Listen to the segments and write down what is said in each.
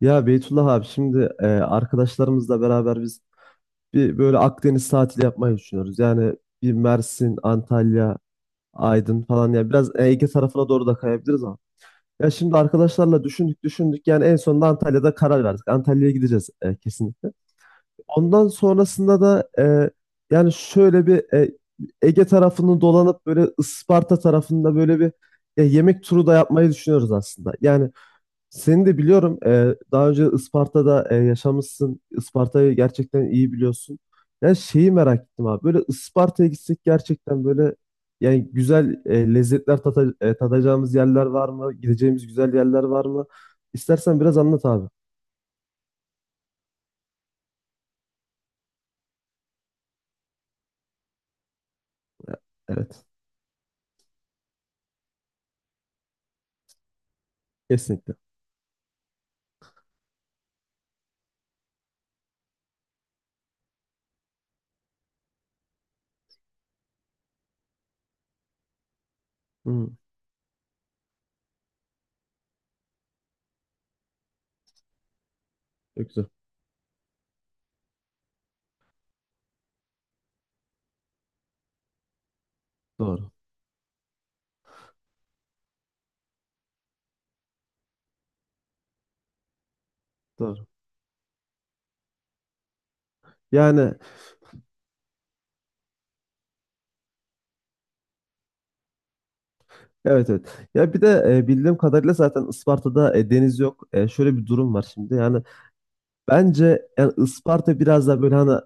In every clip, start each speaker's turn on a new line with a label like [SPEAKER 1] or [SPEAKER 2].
[SPEAKER 1] Ya Beytullah abi şimdi arkadaşlarımızla beraber biz bir böyle Akdeniz tatili yapmayı düşünüyoruz. Yani bir Mersin, Antalya, Aydın falan ya biraz Ege tarafına doğru da kayabiliriz ama. Ya şimdi arkadaşlarla düşündük yani en sonunda Antalya'da karar verdik. Antalya'ya gideceğiz kesinlikle. Ondan sonrasında da yani şöyle bir Ege tarafını dolanıp böyle Isparta tarafında böyle bir yemek turu da yapmayı düşünüyoruz aslında. Yani seni de biliyorum. Daha önce Isparta'da yaşamışsın. Isparta'yı gerçekten iyi biliyorsun. Yani şeyi merak ettim abi. Böyle Isparta'ya gitsek gerçekten böyle yani güzel lezzetler tadacağımız yerler var mı? Gideceğimiz güzel yerler var mı? İstersen biraz anlat abi. Evet. Kesinlikle. Hı, çok güzel. Doğru. Doğru. Yani, evet, evet. Ya bir de bildiğim kadarıyla zaten Isparta'da deniz yok. E, şöyle bir durum var şimdi. Yani bence yani Isparta biraz da böyle hani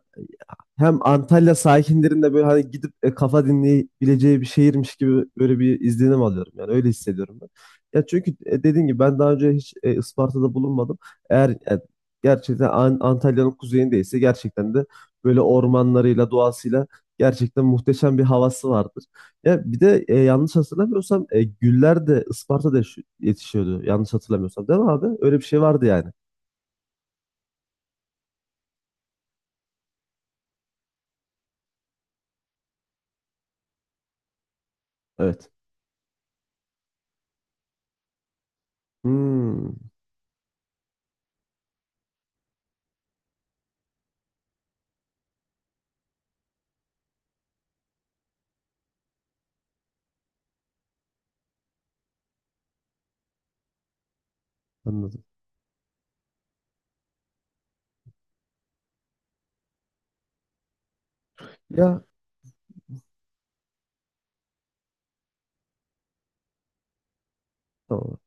[SPEAKER 1] hem Antalya sakinlerin böyle hani gidip kafa dinleyebileceği bir şehirmiş gibi böyle bir izlenim alıyorum. Yani öyle hissediyorum ben. Ya çünkü dediğim gibi ben daha önce hiç Isparta'da bulunmadım. Eğer gerçekten Antalya'nın kuzeyindeyse gerçekten de böyle ormanlarıyla, doğasıyla gerçekten muhteşem bir havası vardır. Ya bir de yanlış hatırlamıyorsam güller de Isparta'da yetişiyordu. Yanlış hatırlamıyorsam değil mi abi? Öyle bir şey vardı yani. Evet. Hmm, anladım. Ya, tamam.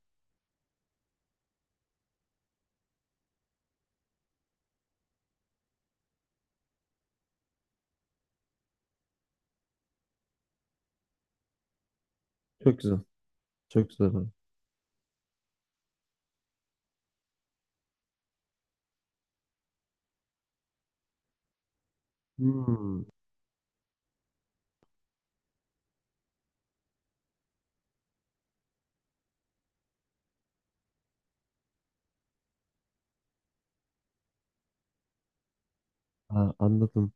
[SPEAKER 1] Çok güzel. Çok güzel abi. Hmm. Ha, anladım.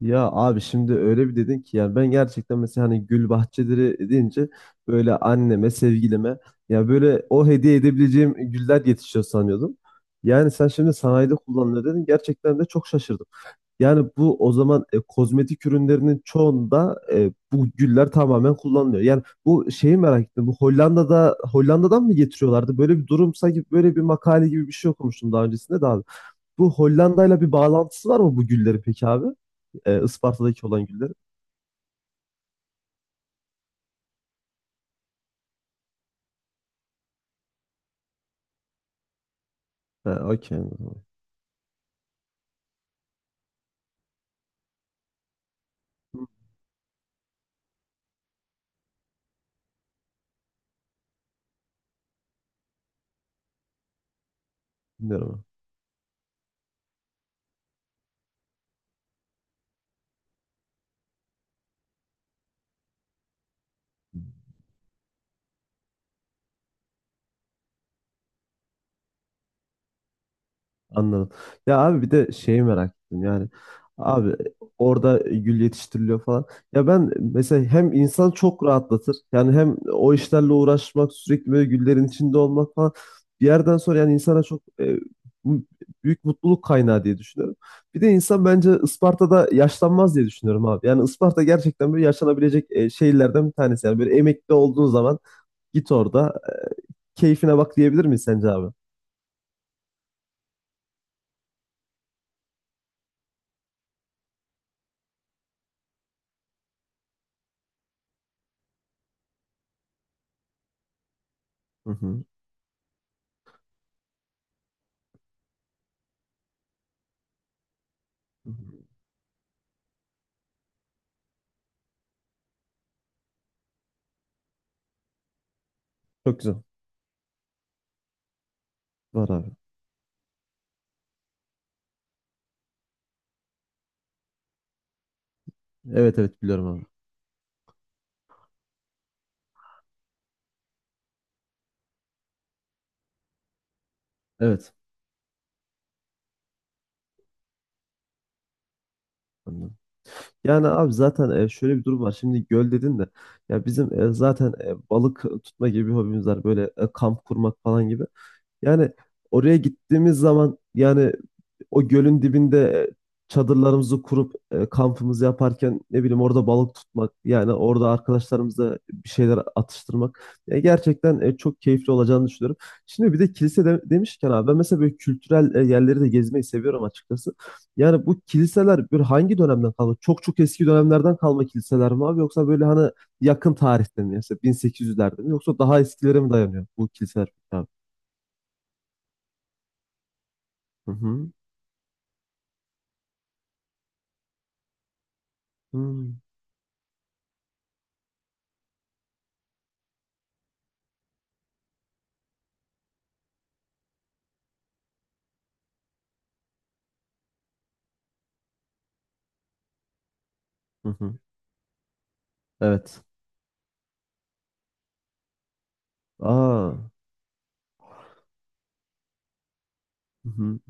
[SPEAKER 1] Ya abi şimdi öyle bir dedin ki yani ben gerçekten mesela hani gül bahçeleri deyince böyle anneme, sevgilime ya böyle o hediye edebileceğim güller yetişiyor sanıyordum. Yani sen şimdi sanayide kullanılıyor dedin. Gerçekten de çok şaşırdım. Yani bu o zaman kozmetik ürünlerinin çoğunda bu güller tamamen kullanılıyor. Yani bu şeyi merak ettim. Bu Hollanda'da Hollanda'dan mı getiriyorlardı? Böyle bir durum sanki böyle bir makale gibi bir şey okumuştum daha öncesinde de abi. Bu Hollanda'yla bir bağlantısı var mı bu güllerin peki abi? Isparta'daki olan güllerin. Ha, okey. Bilmiyorum. Anladım. Ya abi bir de şeyi merak ettim yani. Abi orada gül yetiştiriliyor falan. Ya ben mesela hem insan çok rahatlatır. Yani hem o işlerle uğraşmak, sürekli böyle güllerin içinde olmak falan. Bir yerden sonra yani insana çok bu- büyük mutluluk kaynağı diye düşünüyorum. Bir de insan bence Isparta'da yaşlanmaz diye düşünüyorum abi. Yani Isparta gerçekten böyle yaşanabilecek şehirlerden bir tanesi. Yani böyle emekli olduğun zaman git orada keyfine bak diyebilir miyiz sence abi? Hı hı. Hı hı. Çok güzel. Var abi. Evet, evet biliyorum abi. Evet. Anladım. Yani abi zaten şöyle bir durum var. Şimdi göl dedin de ya bizim balık tutma gibi bir hobimiz var. Böyle kamp kurmak falan gibi. Yani oraya gittiğimiz zaman yani o gölün dibinde e, çadırlarımızı kurup kampımızı yaparken ne bileyim orada balık tutmak yani orada arkadaşlarımızla bir şeyler atıştırmak. Gerçekten çok keyifli olacağını düşünüyorum. Şimdi bir de kilise demişken abi ben mesela böyle kültürel yerleri de gezmeyi seviyorum açıkçası. Yani bu kiliseler böyle hangi dönemden kalma? Çok çok eski dönemlerden kalma kiliseler mi abi yoksa böyle hani yakın tarihte mi? Mesela 1800'lerde mi yoksa daha eskilere mi dayanıyor bu kiliseler abi? Hı hı. Hı hı. Hı. Evet. Aa. Hı hı,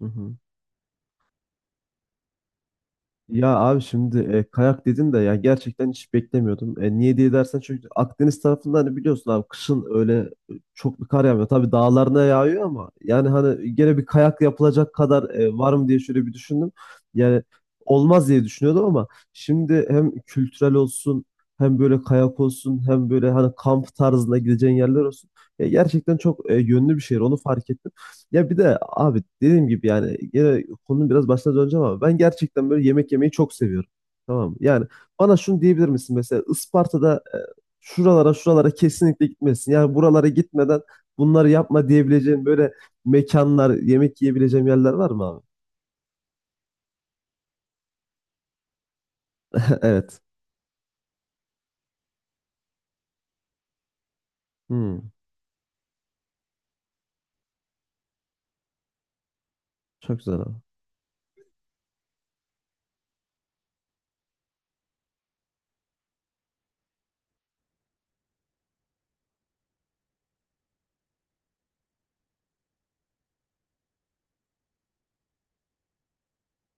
[SPEAKER 1] hı hı. Ya abi şimdi kayak dedin de ya gerçekten hiç beklemiyordum. E, niye diye dersen çünkü Akdeniz tarafında hani biliyorsun abi kışın öyle çok bir kar yağmıyor. Tabii dağlarına yağıyor ama yani hani gene bir kayak yapılacak kadar var mı diye şöyle bir düşündüm. Yani olmaz diye düşünüyordum ama şimdi hem kültürel olsun hem böyle kayak olsun hem böyle hani kamp tarzında gideceğin yerler olsun. E, gerçekten çok yönlü bir şehir onu fark ettim. Ya bir de abi dediğim gibi yani gene konunun biraz başına döneceğim ama ben gerçekten böyle yemek yemeyi çok seviyorum. Tamam mı? Yani bana şunu diyebilir misin mesela Isparta'da şuralara şuralara kesinlikle gitmesin. Yani buralara gitmeden bunları yapma diyebileceğim böyle mekanlar, yemek yiyebileceğim yerler var mı abi? Evet. Hmm, çok güzel abi.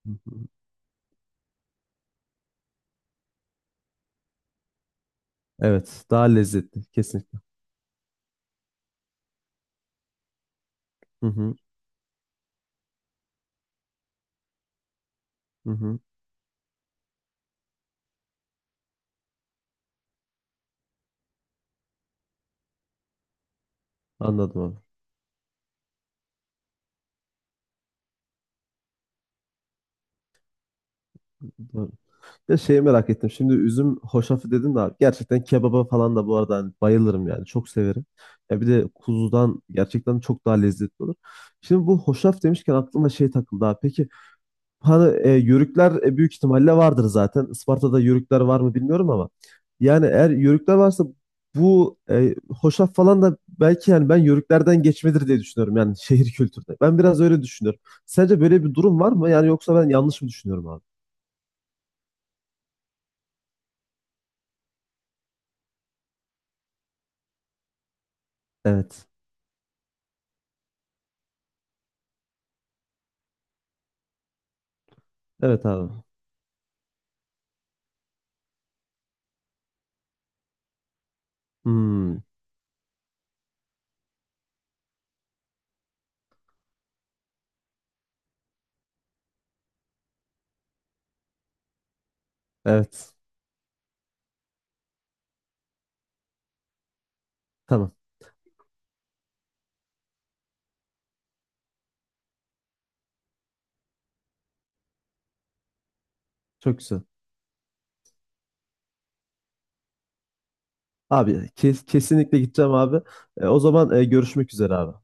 [SPEAKER 1] Hı hı. Evet, daha lezzetli kesinlikle. Hı hı, hı hı. Anladım abi. Doğru. Ya şeyi merak ettim. Şimdi üzüm hoşafı dedin de abi. Gerçekten kebaba falan da bu arada hani bayılırım yani. Çok severim. Ya bir de kuzudan gerçekten çok daha lezzetli olur. Şimdi bu hoşaf demişken aklıma şey takıldı abi. Peki hani yörükler büyük ihtimalle vardır zaten. Isparta'da yörükler var mı bilmiyorum ama. Yani eğer yörükler varsa bu hoşaf falan da belki yani ben yörüklerden geçmedir diye düşünüyorum. Yani şehir kültürde. Ben biraz öyle düşünüyorum. Sence böyle bir durum var mı? Yani yoksa ben yanlış mı düşünüyorum abi? Evet. Evet abi. Hmm, evet. Tamam. Çok güzel. Abi kesinlikle gideceğim abi. E, o zaman görüşmek üzere abi.